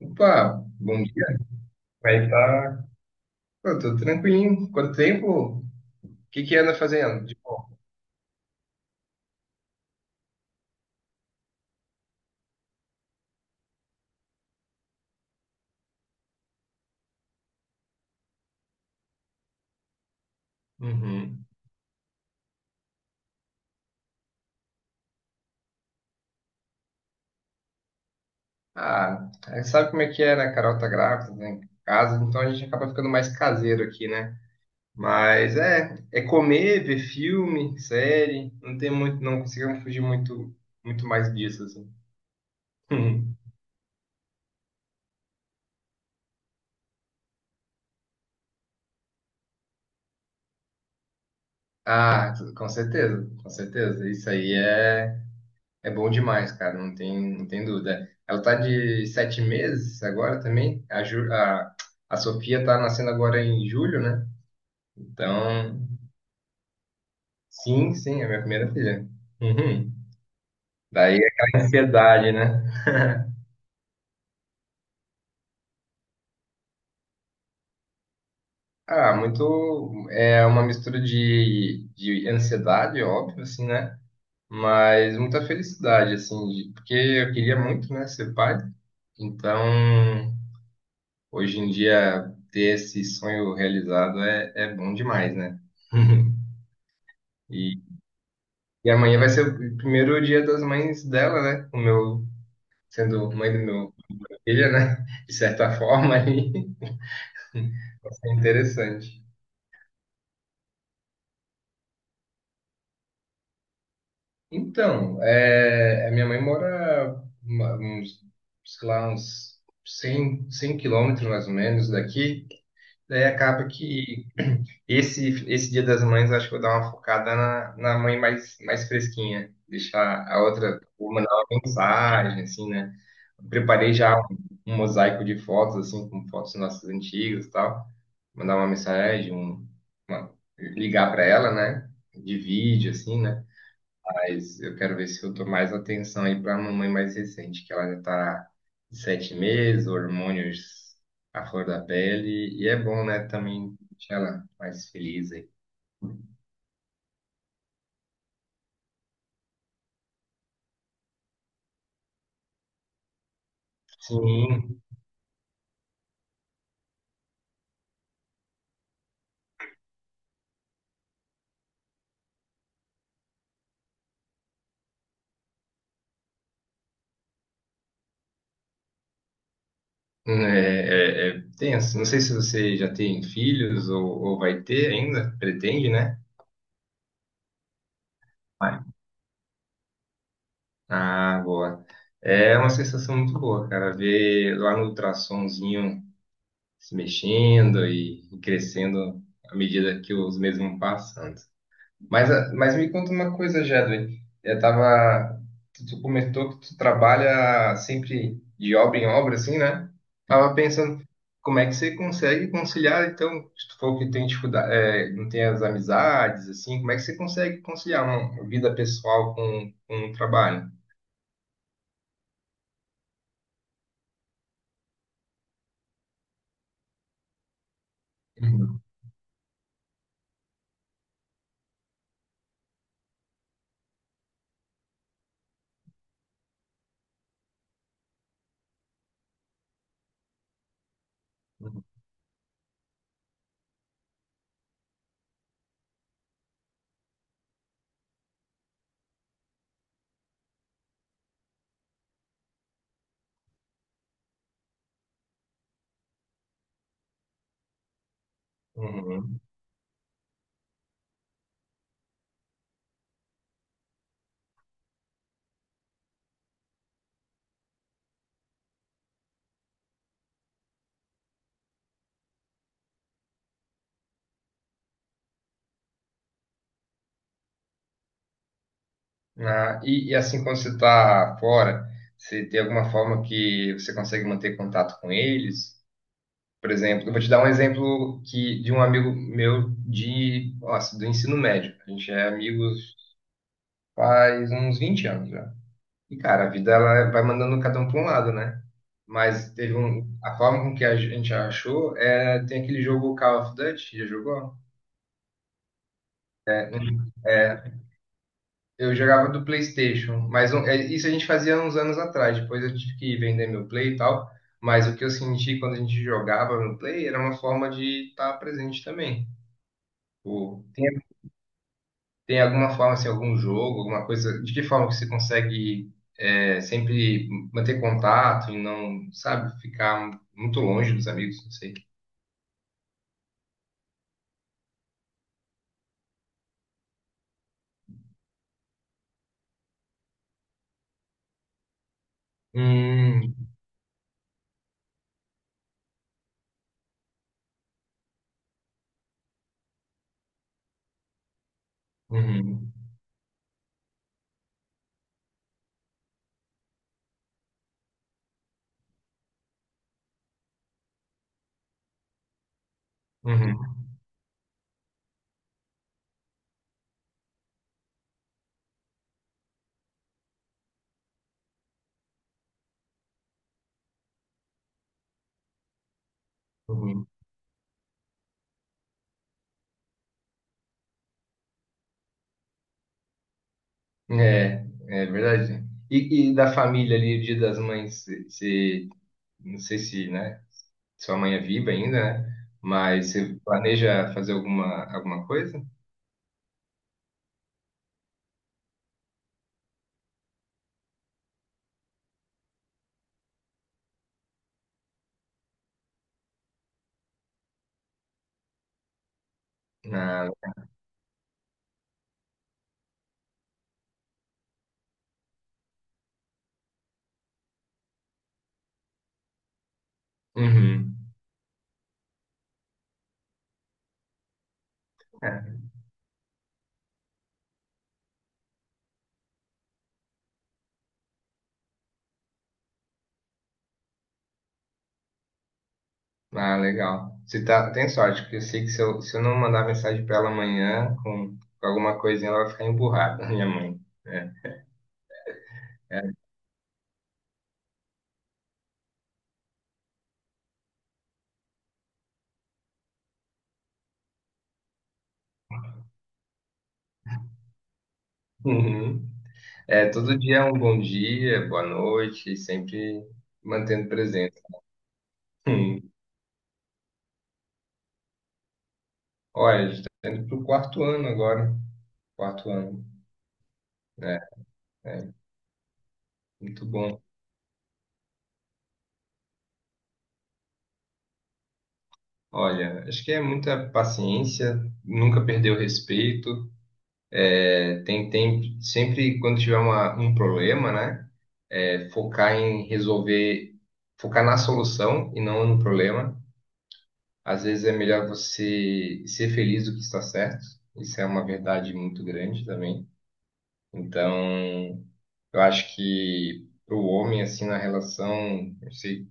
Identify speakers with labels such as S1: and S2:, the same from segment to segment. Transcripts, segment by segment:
S1: Opa, bom dia. Vai tá. Pô, tô tranquilinho. Quanto tempo? O que que anda fazendo? De bom. Uhum. Ah, aí sabe como é que é, né? A Carol tá grávida, né? Em casa, então a gente acaba ficando mais caseiro aqui, né? Mas é comer, ver filme, série. Não tem muito, não conseguimos fugir muito, muito mais disso, assim. Ah, com certeza, com certeza. Isso aí é É bom demais, cara, não tem dúvida. Ela tá de sete meses agora também. A Sofia tá nascendo agora em julho, né? Então, sim, sim, é minha primeira filha. Uhum. Daí é aquela ansiedade, né? Ah, muito. É uma mistura de ansiedade, óbvio, assim, né? Mas muita felicidade, assim, de- porque eu queria muito, né, ser pai. Então, hoje em dia, ter esse sonho realizado é bom demais, né? E, e amanhã vai ser o primeiro Dia das Mães dela, né? O meu, sendo mãe do meu filho, né? De certa forma, aí vai ser interessante. Então, é, a minha mãe mora uma- uns, sei lá, uns 100, 100 quilômetros mais ou menos daqui. Daí acaba que Esse Dia das Mães, eu acho que eu vou dar uma focada na, na mãe mais, mais fresquinha. Deixar a outra, vou mandar uma mensagem, assim, né? Preparei já um, um mosaico de fotos, assim, com fotos nossas antigas e tal. Mandar uma mensagem, uma- ligar para ela, né? De vídeo, assim, né? Mas eu quero ver se eu dou mais atenção aí para a mamãe mais recente, que ela já tá de sete meses, hormônios à flor da pele. E é bom, né? Também deixar ela mais feliz aí. Sim, é, é tenso. Não sei se você já tem filhos ou vai ter ainda, pretende, né? Vai. Ah, boa. É uma sensação muito boa, cara, ver lá no ultrassomzinho se mexendo e crescendo à medida que os meses vão passando. Mas, a- mas me conta uma coisa, Jedway. Eu tava, tu comentou que tu trabalha sempre de obra em obra, assim, né? Tava pensando, como é que você consegue conciliar, então, se tu for que tem dificuldade, é, não tem as amizades, assim, como é que você consegue conciliar uma vida pessoal com o trabalho? Uhum. Uhum. Ah, e assim, quando você está fora, você tem alguma forma que você consegue manter contato com eles? Por exemplo, eu vou te dar um exemplo que, de um amigo meu de, nossa, do ensino médio. A gente é amigos faz uns 20 anos já. E, cara, a vida ela vai mandando cada um para um lado, né? Mas teve um, a forma com que a gente achou é, tem aquele jogo Call of Duty, já jogou? É, eu jogava do PlayStation, mas um- é, isso a gente fazia uns anos atrás. Depois eu tive que vender meu Play e tal. Mas o que eu senti quando a gente jogava no Play era uma forma de estar presente também. Tipo, tem alguma forma, assim, algum jogo, alguma coisa, de que forma que você consegue é, sempre manter contato e não, sabe, ficar muito longe dos amigos, não sei. Hum, uhum, uhum, uhum. É, é verdade. E da família ali, o Dia das Mães, você, não sei se, né, sua mãe é viva ainda, né? Mas você planeja fazer alguma, alguma coisa? Na... Uhum. É, ah, legal. Você tá, tem sorte, porque eu sei que se eu, se eu não mandar mensagem pra ela amanhã com alguma coisinha, ela vai ficar emburrada, minha mãe. É. Uhum. É, todo dia é um bom dia, boa noite, e sempre mantendo presente. Hum. Olha, a gente tá indo pro quarto ano agora. Quarto ano. É, é muito bom. Olha, acho que é muita paciência, nunca perder o respeito. É, tem tempo, sempre quando tiver uma, um problema, né? É focar em resolver, focar na solução e não no problema. Às vezes é melhor você ser feliz do que estar certo. Isso é uma verdade muito grande também. Então, eu acho que para o homem, assim, na relação, não sei,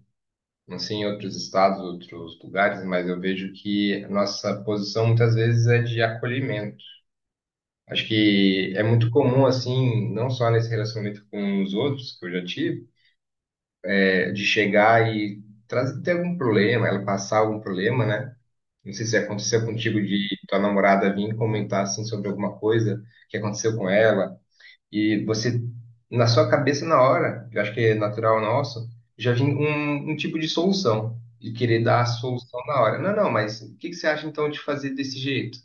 S1: não sei em outros estados, outros lugares, mas eu vejo que a nossa posição muitas vezes é de acolhimento. Acho que é muito comum, assim, não só nesse relacionamento com os outros que eu já tive, é, de chegar e trazer, ter algum problema, ela passar algum problema, né? Não sei se aconteceu contigo de tua namorada vir comentar assim sobre alguma coisa que aconteceu com ela e você na sua cabeça na hora, eu acho que é natural nosso, já vem um, um tipo de solução e querer dar a solução na hora. Não, não, mas o que que você acha então de fazer desse jeito?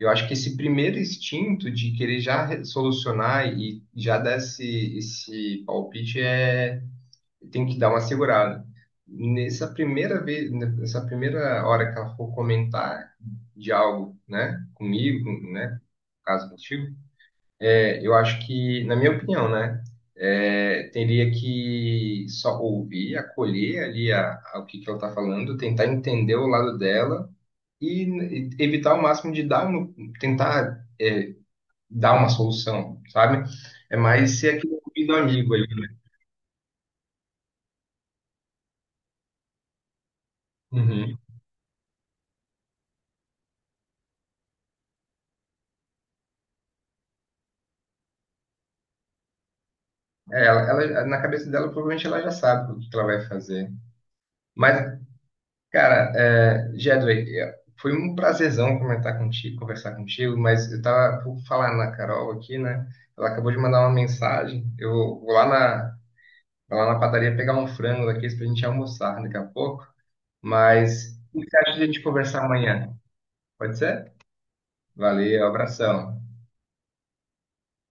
S1: Eu acho que esse primeiro instinto de querer já re- solucionar e já dar esse, esse palpite é tem que dar uma segurada. Nessa primeira vez, nessa primeira hora que ela for comentar de algo, né, comigo, com- né, caso contigo, é, eu acho que, na minha opinião, né, é, teria que só ouvir, acolher ali a- o que que ela está falando, tentar entender o lado dela e evitar o máximo de dar, uma- tentar, é, dar uma solução, sabe? É mais ser aquele ouvido amigo ali, né? Uhum. É, ela- na cabeça dela, provavelmente ela já sabe o que que ela vai fazer. Mas, cara, é, Jedway, é, foi um prazerzão comentar contigo, conversar contigo, mas eu tava por falar na Carol aqui, né? Ela acabou de mandar uma mensagem. Eu vou lá na, vou lá na padaria pegar um frango daqueles pra gente almoçar daqui a pouco. Mas o que você acha de a gente conversar amanhã? Pode ser? Valeu, abração.